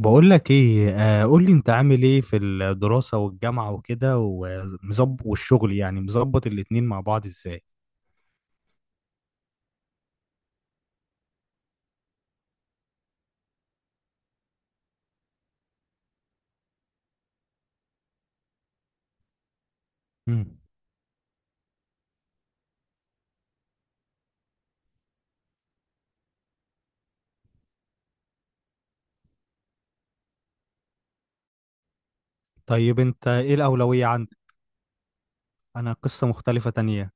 بقول لك ايه، قول لي انت عامل ايه في الدراسة والجامعة وكده ومظبط، والشغل يعني مظبط الاتنين مع بعض ازاي؟ مم. طيب انت ايه الأولوية عندك؟ انا قصة مختلفة تانية.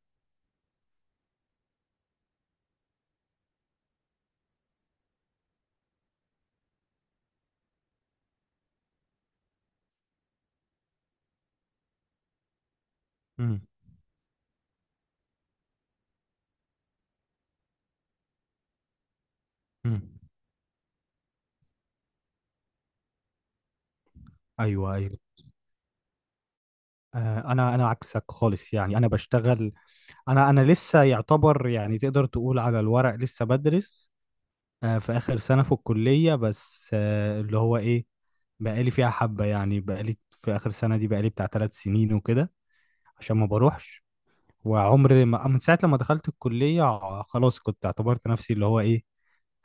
مم. مم. ايوه، ايوه. انا عكسك خالص، يعني انا بشتغل. انا لسه يعتبر، يعني تقدر تقول على الورق لسه بدرس. في اخر سنة في الكلية، بس اللي هو ايه، بقالي فيها حبة، يعني بقالي في اخر سنة دي بقالي بتاع 3 سنين وكده، عشان ما بروحش. وعمري ما، من ساعة لما دخلت الكلية خلاص، كنت اعتبرت نفسي اللي هو ايه،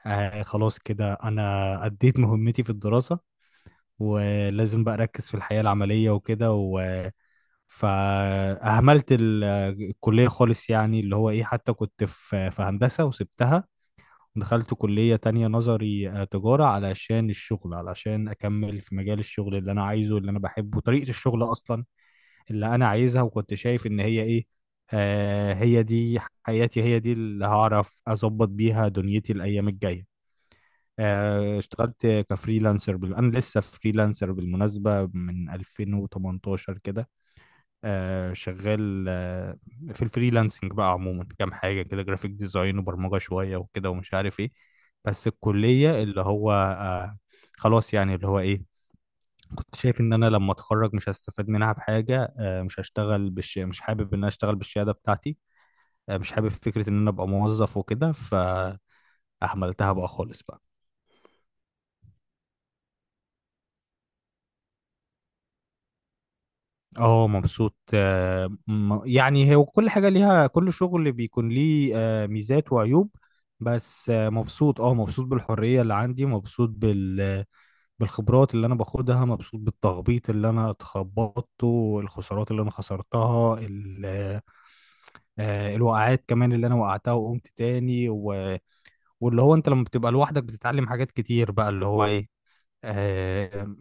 خلاص كده انا اديت مهمتي في الدراسة، ولازم بقى اركز في الحياة العملية وكده و فأهملت الكلية خالص، يعني اللي هو ايه، حتى كنت في هندسة وسبتها، ودخلت كلية تانية نظري، تجارة، علشان الشغل، علشان أكمل في مجال الشغل اللي أنا عايزه، اللي أنا بحبه، طريقة الشغل أصلا اللي انا عايزها. وكنت شايف ان هي ايه، هي دي حياتي، هي دي اللي هعرف اظبط بيها دنيتي الايام الجايه. اشتغلت كفريلانسر انا لسه فريلانسر بالمناسبه من 2018 كده. شغال، في الفريلانسنج بقى عموما كام حاجه كده، جرافيك ديزاين وبرمجه شويه وكده ومش عارف ايه. بس الكليه اللي هو خلاص، يعني اللي هو ايه، كنت شايف ان انا لما اتخرج مش هستفاد منها بحاجه، آه، مش هشتغل بالش... مش حابب ان انا اشتغل بالشهاده بتاعتي. مش حابب فكره ان انا ابقى موظف وكده، فاهملتها بقى خالص بقى. اه، مبسوط، يعني هي كل حاجه ليها، كل شغل بيكون ليه ميزات وعيوب. بس مبسوط بالحريه اللي عندي، مبسوط بالخبرات اللي انا باخدها، مبسوط بالتخبيط اللي انا اتخبطته، الخسارات اللي انا خسرتها الوقعات كمان اللي انا وقعتها وقمت تاني واللي هو انت لما بتبقى لوحدك بتتعلم حاجات كتير بقى اللي هو ايه. آه...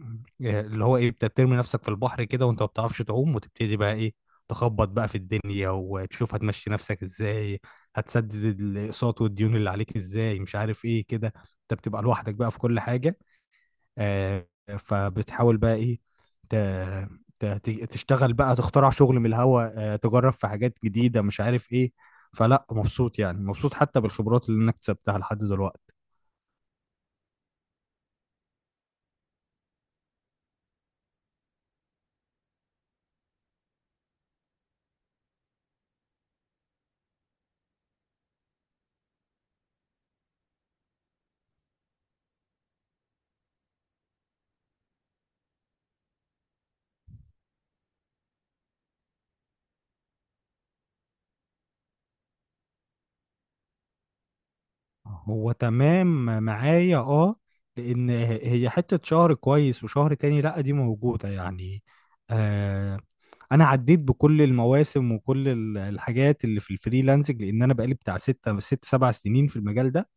اللي هو ايه، بترمي نفسك في البحر كده وانت ما بتعرفش تعوم، وتبتدي بقى ايه، تخبط بقى في الدنيا وتشوف هتمشي نفسك ازاي، هتسدد الاقساط والديون اللي عليك ازاي، مش عارف ايه كده. انت بتبقى لوحدك بقى في كل حاجة. آه، فبتحاول بقى ايه ت- تشتغل بقى، تخترع شغل من الهوا، تجرب في حاجات جديدة، مش عارف ايه. فلا، مبسوط يعني، مبسوط حتى بالخبرات اللي انا اكتسبتها لحد دلوقتي. هو تمام معايا، اه، لان هي حتة شهر كويس وشهر تاني لا، دي موجودة يعني. آه انا عديت بكل المواسم وكل الحاجات اللي في الفريلانسنج، لان انا بقالي بتاع ستة ست سبع سنين في المجال ده.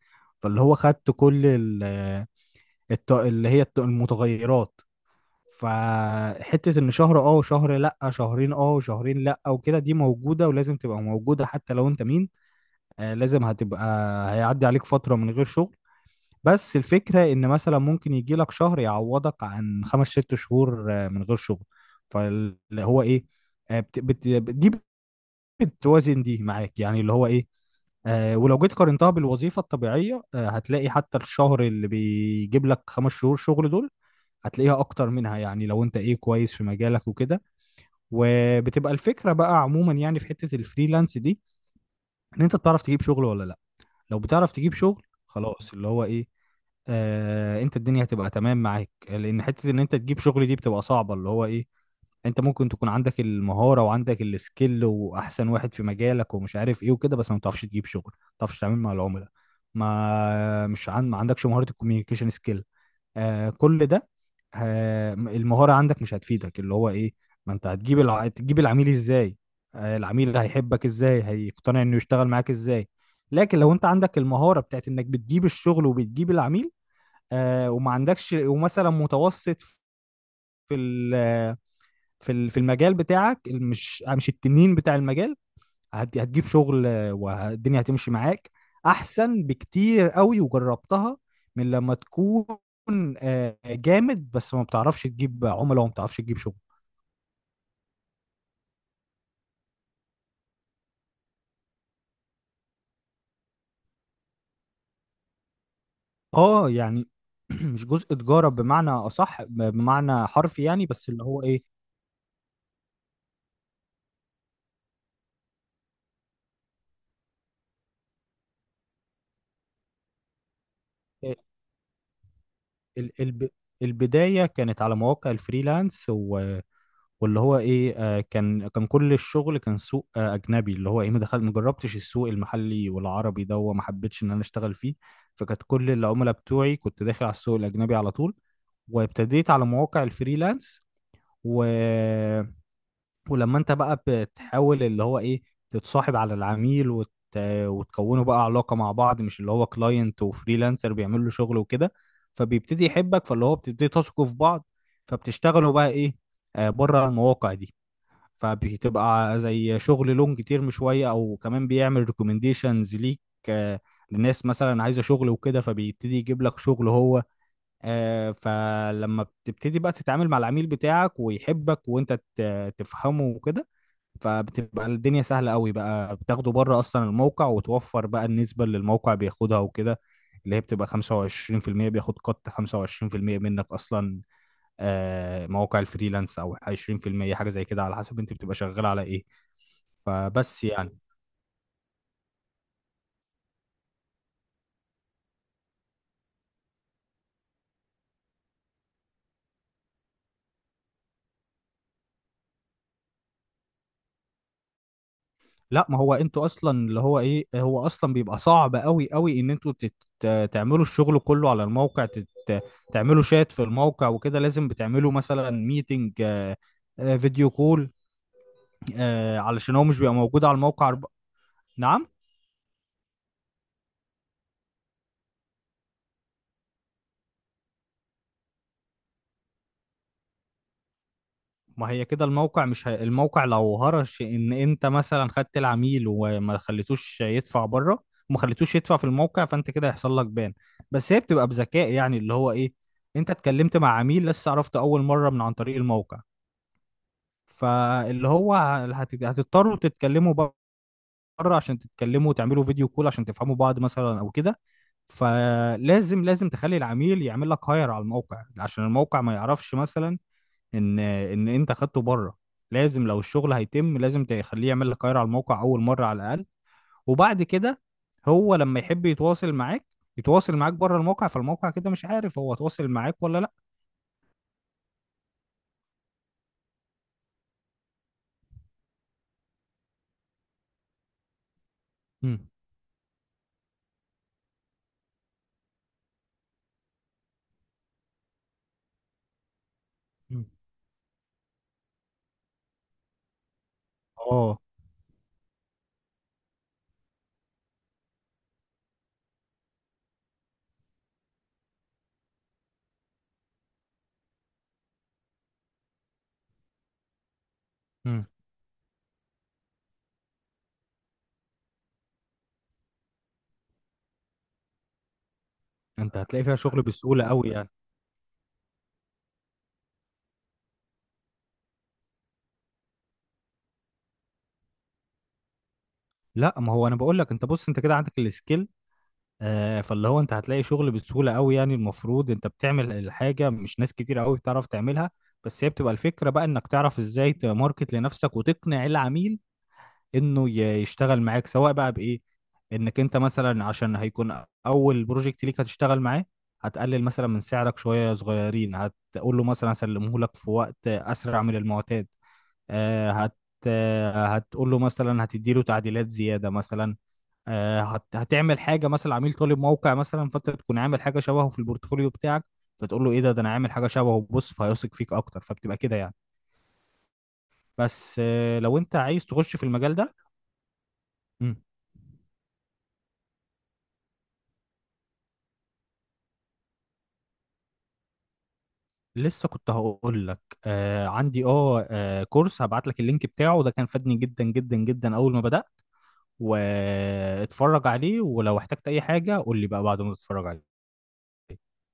فاللي هو خدت كل ال- الت... اللي هي الت... المتغيرات. فحتة ان شهر اه وشهر لا، شهرين اه وشهرين لا وكده، دي موجودة ولازم تبقى موجودة حتى لو انت مين. لازم هتبقى، هيعدي عليك فترة من غير شغل. بس الفكرة ان مثلا ممكن يجي لك شهر يعوضك عن خمس ست شهور من غير شغل. فاللي هو ايه، آه بت... بت... دي بتوازن دي معاك، يعني اللي هو ايه. ولو جيت قارنتها بالوظيفة الطبيعية، هتلاقي حتى الشهر اللي بيجيب لك 5 شهور شغل دول، هتلاقيها اكتر منها، يعني لو انت ايه، كويس في مجالك وكده. وبتبقى الفكره بقى عموما، يعني في حته الفريلانس دي، ان انت بتعرف تجيب شغل ولا لا. لو بتعرف تجيب شغل، خلاص اللي هو ايه، انت الدنيا هتبقى تمام معاك، لان حته ان انت تجيب شغل دي بتبقى صعبه اللي هو ايه. انت ممكن تكون عندك المهاره وعندك السكيل واحسن واحد في مجالك ومش عارف ايه وكده، بس ما بتعرفش تجيب شغل، ما بتعرفش تتعامل مع العملاء، ما مش عن... ما عندكش مهاره الكوميونيكيشن سكيل. كل ده، المهارة عندك مش هتفيدك، اللي هو ايه، ما انت تجيب العميل ازاي، العميل هيحبك ازاي، هيقتنع انه يشتغل معاك ازاي؟ لكن لو انت عندك المهارة بتاعت انك بتجيب الشغل وبتجيب العميل، وما عندكش، ومثلا متوسط في ال... في المجال بتاعك، مش التنين بتاع المجال، هتجيب شغل، والدنيا هتمشي معاك احسن بكتير قوي، وجربتها من لما تكون جامد بس ما بتعرفش تجيب عملاء وما بتعرفش تجيب شغل. اه يعني مش جزء تجارة بمعنى أصح، بمعنى حرفي يعني. بس اللي هو إيه، آه، ال- الب- البداية كانت على مواقع الفريلانس. واللي هو ايه، كان كل الشغل كان سوق اجنبي، اللي هو ايه، ما دخل، ما جربتش السوق المحلي والعربي ده، وما حبيتش ان انا اشتغل فيه. فكانت كل العملاء بتوعي كنت داخل على السوق الاجنبي على طول. وابتديت على مواقع الفريلانس. و... ولما انت بقى بتحاول اللي هو ايه، تتصاحب على العميل وتكونوا بقى علاقة مع بعض، مش اللي هو كلاينت وفريلانسر بيعمل له شغل وكده. فبيبتدي يحبك، فاللي هو بتبتدي تثقوا في بعض، فبتشتغلوا بقى ايه، بره المواقع دي. فبتبقى زي شغل لونج تيرم شويه، او كمان بيعمل ريكومنديشنز ليك، آه، لناس مثلا عايزه شغل وكده، فبيبتدي يجيب لك شغل هو. فلما بتبتدي بقى تتعامل مع العميل بتاعك ويحبك، وانت تفهمه وكده، فبتبقى الدنيا سهله قوي بقى، بتاخده بره اصلا الموقع، وتوفر بقى النسبه اللي الموقع بياخدها وكده، اللي هي بتبقى 25%. بياخد قط 25% منك اصلا، مواقع الفريلانس، او 20% حاجه زي كده، على حسب انت بتبقى شغال على ايه. فبس يعني. لا، ما هو انتوا اصلا اللي هو ايه، هو اصلا بيبقى صعب قوي قوي ان انتوا تعملوا الشغل كله على الموقع، تعملوا شات في الموقع وكده، لازم بتعملوا مثلا ميتنج، فيديو كول، علشان هو مش بيبقى موجود على الموقع نعم. ما هي كده الموقع مش هي... الموقع، لو هرش ان انت مثلا خدت العميل وما خليتوش يدفع بره، وما خليتوش يدفع في الموقع، فانت كده هيحصل لك بان. بس هي بتبقى بذكاء، يعني اللي هو ايه، انت اتكلمت مع عميل لسه عرفت اول مره من عن طريق الموقع، فاللي هو هتضطروا تتكلموا بره، عشان تتكلموا وتعملوا فيديو كول عشان تفهموا بعض مثلا او كده. فلازم، لازم تخلي العميل يعمل لك هاير على الموقع، عشان الموقع ما يعرفش مثلا ان انت خدته بره. لازم لو الشغل هيتم لازم تخليه يعمل لك كاير على الموقع اول مره على الاقل. وبعد كده، هو لما يحب يتواصل معاك، يتواصل معاك بره الموقع، فالموقع كده مش عارف هو تواصل معاك ولا لا. مم. مم. اه. مم. انت هتلاقي فيها شغل بسهوله قوي يعني. لا، ما هو انا بقول لك، انت بص انت كده عندك السكيل، فاللي هو انت هتلاقي شغل بسهوله قوي يعني. المفروض انت بتعمل الحاجه مش ناس كتير قوي بتعرف تعملها. بس هي بتبقى الفكره بقى انك تعرف ازاي تماركت لنفسك وتقنع العميل انه يشتغل معاك، سواء بقى بايه، انك انت مثلا، عشان هيكون اول بروجكت ليك هتشتغل معاه، هتقلل مثلا من سعرك شويه صغيرين، هتقول له مثلا هسلمه لك في وقت اسرع من المعتاد، آه، هت آه، هتقول له مثلا هتدي له تعديلات زياده مثلا. هتعمل حاجه مثلا عميل طالب موقع مثلا، فانت تكون عامل حاجه شبهه في البورتفوليو بتاعك، فتقول له ايه ده، ده انا عامل حاجه شبهه بص، فهيثق فيك اكتر، فبتبقى كده يعني. بس لو انت عايز تخش في المجال ده. مم. لسه كنت هقول لك، عندي، كورس هبعت لك اللينك بتاعه، ده كان فادني جدا جدا جدا اول ما بدأت. واتفرج عليه، ولو احتجت اي حاجة قول لي بقى بعد ما تتفرج عليه.